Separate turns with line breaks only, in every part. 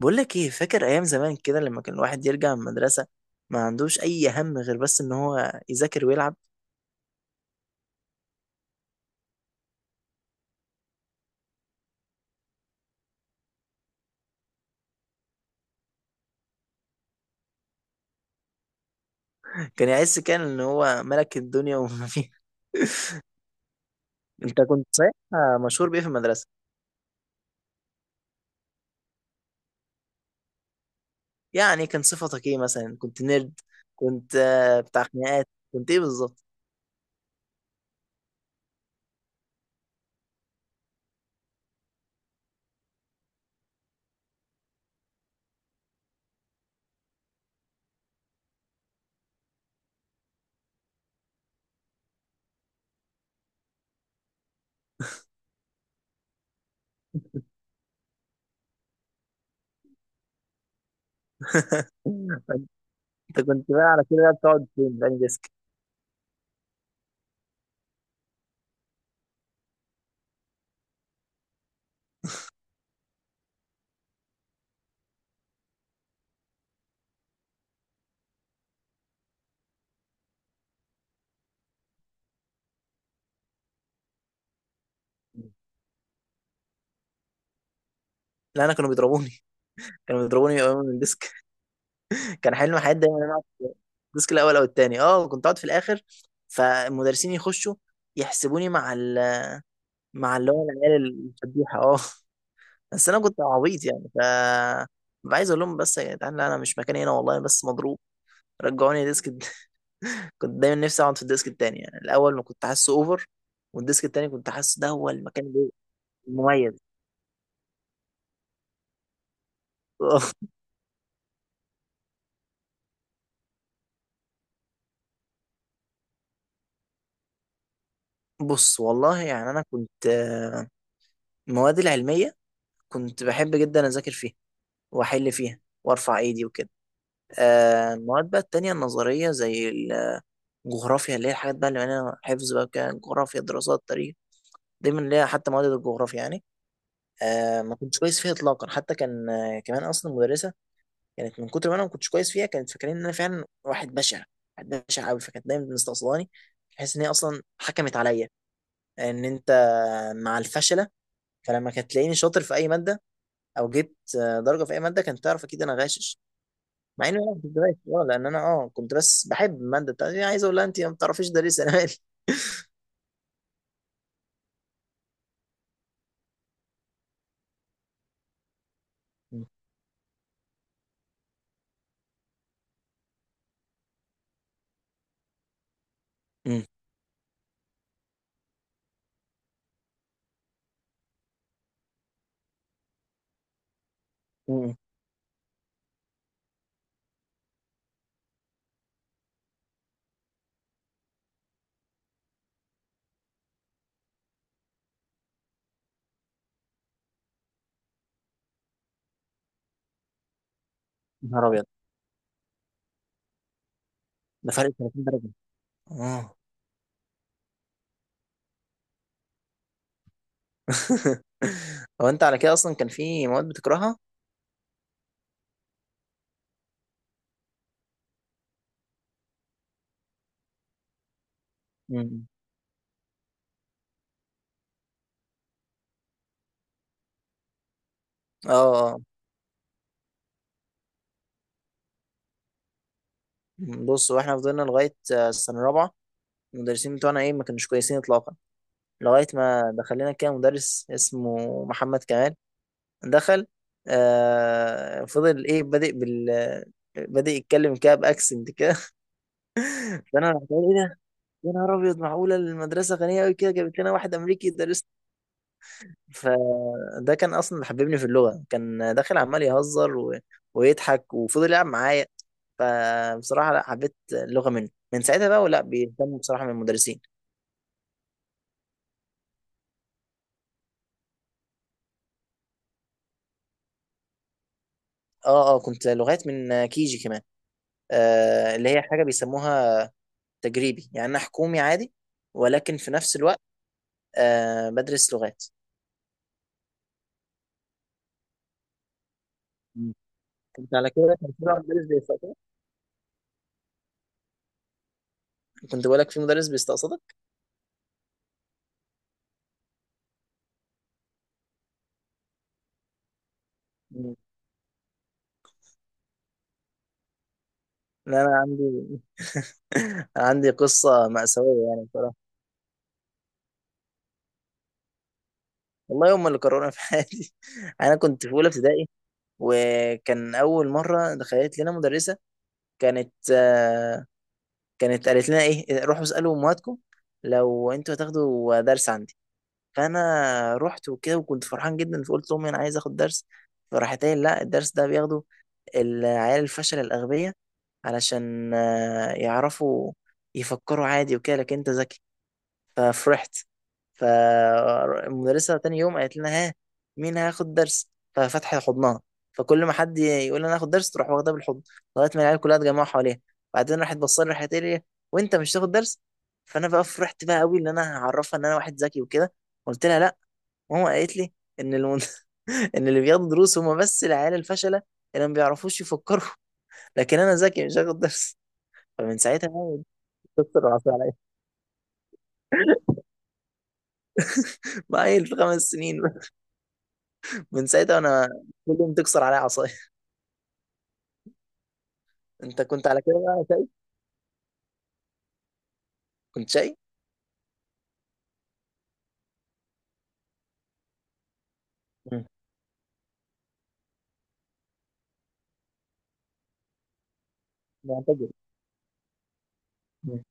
بقول لك ايه، فاكر ايام زمان كده لما كان الواحد يرجع من المدرسه ما عندوش اي هم غير بس ان هو يذاكر ويلعب. كان يحس كان ان هو ملك الدنيا وما فيها. انت كنت صحيح مشهور بايه في المدرسه؟ يعني كان صفتك ايه، مثلا كنت نيرد، كنت بتاع خناقات، كنت ايه بالظبط؟ انت كنت بقى على كده بقى بتقعد فين في أنهي ديسك؟ لا انا كانوا بيضربوني يقوموا من الديسك. كان حلم حياتي دايما ان انا اقعد في الديسك الاول او التاني، اه كنت اقعد في الاخر. فالمدرسين يخشوا يحسبوني مع مع اللي هو العيال، الفضيحه اه. بس انا كنت عبيط، يعني ببقى عايز اقول لهم بس يا جدعان، لا انا مش مكاني هنا، والله أنا بس مضروب، رجعوني ديسك كنت دايما نفسي اقعد في الديسك التاني، يعني الاول ما كنت حاسه اوفر، والديسك التاني كنت حاسه ده هو المميز. بص والله يعني انا كنت، المواد العلميه كنت بحب جدا اذاكر فيها واحل فيها وارفع ايدي وكده. المواد بقى التانية النظرية زي الجغرافيا، اللي هي الحاجات بقى اللي معناها حفظ بقى كده، جغرافيا دراسات تاريخ دايما ليها حتى مواد الجغرافيا يعني، ما كنتش كويس فيها إطلاقا. حتى كان كمان أصلا المدرسة كانت من كتر ما أنا ما كنتش كويس فيها، كانت فاكرين إن أنا فعلا واحد بشع، واحد بشع أوي، فكانت دايما مستقصداني بحيث إن هي أصلا حكمت عليا إن أنت مع الفشلة. فلما كانت تلاقيني شاطر في أي مادة أو جبت درجة في أي مادة كانت تعرف أكيد أنا غاشش. مع اني ما كنت دارس، لان انا كنت بس بحب الماده بتاعتي، يعني عايز اقول لها انت ما بتعرفيش تدرسي، انا مالي. مم. مم. مم. نهار ابيض. ده فرق 30 درجه. اه. هو انت على كده اصلا كان في مواد بتكرهها؟ مم. اه اه. بص، واحنا فضلنا لغايه، السنه الرابعه المدرسين بتوعنا ايه، ما كانوش كويسين اطلاقا، لغايه ما دخل لنا كده مدرس اسمه محمد كمال. دخل، فضل ايه بادئ بال آه، بادئ يتكلم كده باكسنت كده. فانا رحت قايل يا نهار ابيض، معقوله المدرسه غنيه قوي كده جابت لنا واحد امريكي يدرس. فده كان اصلا اللي حببني في اللغه، كان داخل عمال يهزر ويضحك وفضل يلعب معايا. فبصراحه لا، حبيت اللغه منه من ساعتها بقى، ولا بيهتموا بصراحه من المدرسين. اه اه كنت لغات من كيجي كمان، اللي هي حاجه بيسموها تجريبي، يعني انا حكومي عادي ولكن في نفس الوقت بدرس لغات. مم. كنت على كده كان في بقى مدرس بيستقصدك. كنت بقول لك في مدرس بيستقصدك. مم. لا انا عندي، عندي قصة مأساوية يعني بصراحة. والله هم اللي كرهوني في حياتي. أنا كنت في أولى ابتدائي وكان أول مرة دخلت لنا مدرسة. كانت، كانت قالت لنا إيه، روحوا اسألوا أمهاتكم لو أنتوا هتاخدوا درس عندي. فأنا رحت وكده وكنت فرحان جدا فقلت لأمي أنا عايز آخد درس. فراحت قايلة لا، الدرس ده بياخده العيال الفشل الأغبياء علشان يعرفوا يفكروا عادي وكده، لكن أنت ذكي. ففرحت. فالمدرسة تاني يوم قالت لنا ها، مين هياخد درس؟ ففتحت حضنها فكل ما حد يقول انا هاخد درس تروح واخدها بالحضن لغاية ما العيال كلها اتجمعوا حواليها. بعدين راحت بصلي، راحت قالت لي وانت مش هتاخد درس؟ فانا بقى فرحت بقى قوي ان انا هعرفها ان انا واحد ذكي وكده. قلت لها لا، ماما قالت لي ان ان اللي بياخدوا دروس هم بس العيال الفشلة اللي ما بيعرفوش يفكروا، لكن انا ذكي مش هاخد درس. فمن ساعتها بقى كسر العصا عليا. بقى في 5 سنين، من ساعتها انا كل يوم تكسر عليا عصايه. انت كنت على كده بقى شاي؟ كنت شاي. مم. معتدل. مم.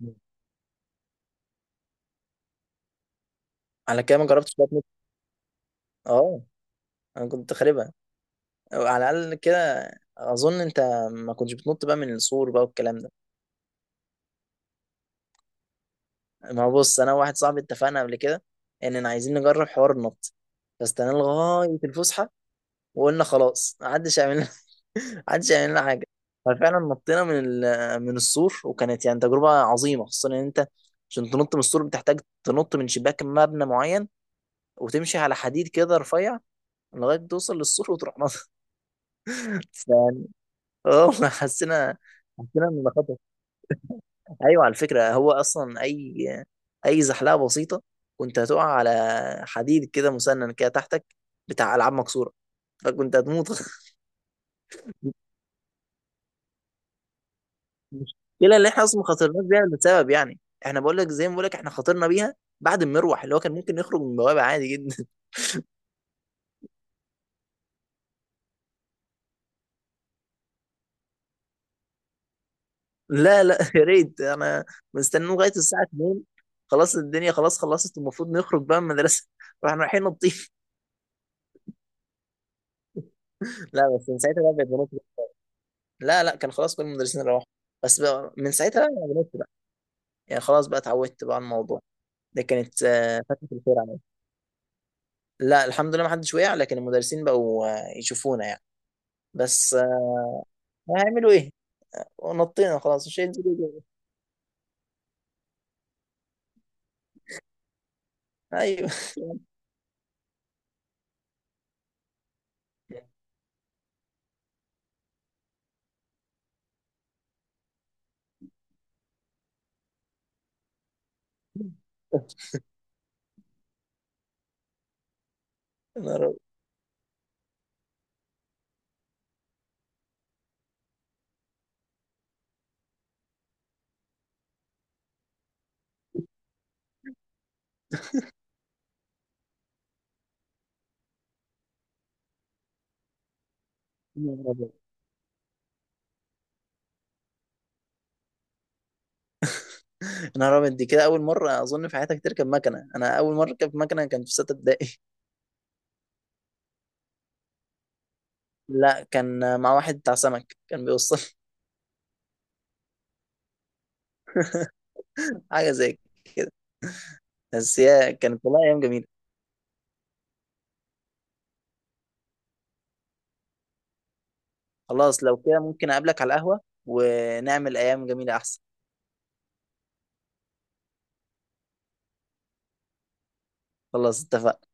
مم. على كده ما جربتش بطنط. اه انا كنت خاربها، أو على الاقل كده اظن. انت ما كنتش بتنط بقى من السور بقى والكلام ده؟ ما هو بص، انا وواحد صاحبي اتفقنا قبل كده اننا عايزين نجرب حوار النط. فاستنى لغايه الفسحه، وقلنا خلاص محدش يعمل، محدش يعمل لنا حاجه. ففعلا نطينا من السور، وكانت يعني تجربه عظيمه، خصوصا ان انت عشان تنط من السور بتحتاج تنط من شباك مبنى معين وتمشي على حديد كده رفيع لغايه توصل للسور وتروح نط. يعني اه حسينا، حسينا ان ده خطر. ايوه على فكره، هو اصلا اي زحلقه بسيطه كنت هتقع على حديد كده مسنن كده تحتك، بتاع العاب مكسوره، فكنت هتموت. المشكله اللي احنا اصلا ما خاطرناش بيها لسبب يعني، احنا بقول لك زي ما بقول لك احنا خاطرنا بيها بعد المروح، اللي هو كان ممكن نخرج من بوابه عادي جدا. لا لا، يا ريت، انا مستنيين لغايه الساعه 2 خلاص، الدنيا خلاص خلصت، المفروض نخرج بقى من المدرسه واحنا رايحين نطيف. لا، بس من ساعتها بقى بقيت بنط بقى. لا لا، كان خلاص كل المدرسين روحوا. بس بقى من ساعتها بقى بنط بقى. يعني خلاص بقى اتعودت بقى على الموضوع، ده كانت فتره الخير عليا. لا الحمد لله، ما حدش وقع، لكن المدرسين بقوا يشوفونا يعني، بس هيعملوا ايه ونطينا خلاص، شيء جديد. ايوه. يا نهار أبيض. يا نهار أبيض. يا نهار أبيض، دي كده أول مرة أظن في حياتك تركب مكنة. أنا أول مرة أركب مكنة كان في ستة ابتدائي. لا، كان مع واحد بتاع سمك كان بيوصل. حاجة زي كده. بس هي كانت والله أيام جميلة. خلاص، لو كده ممكن أقابلك على القهوة ونعمل أيام جميلة أحسن. خلاص اتفقنا.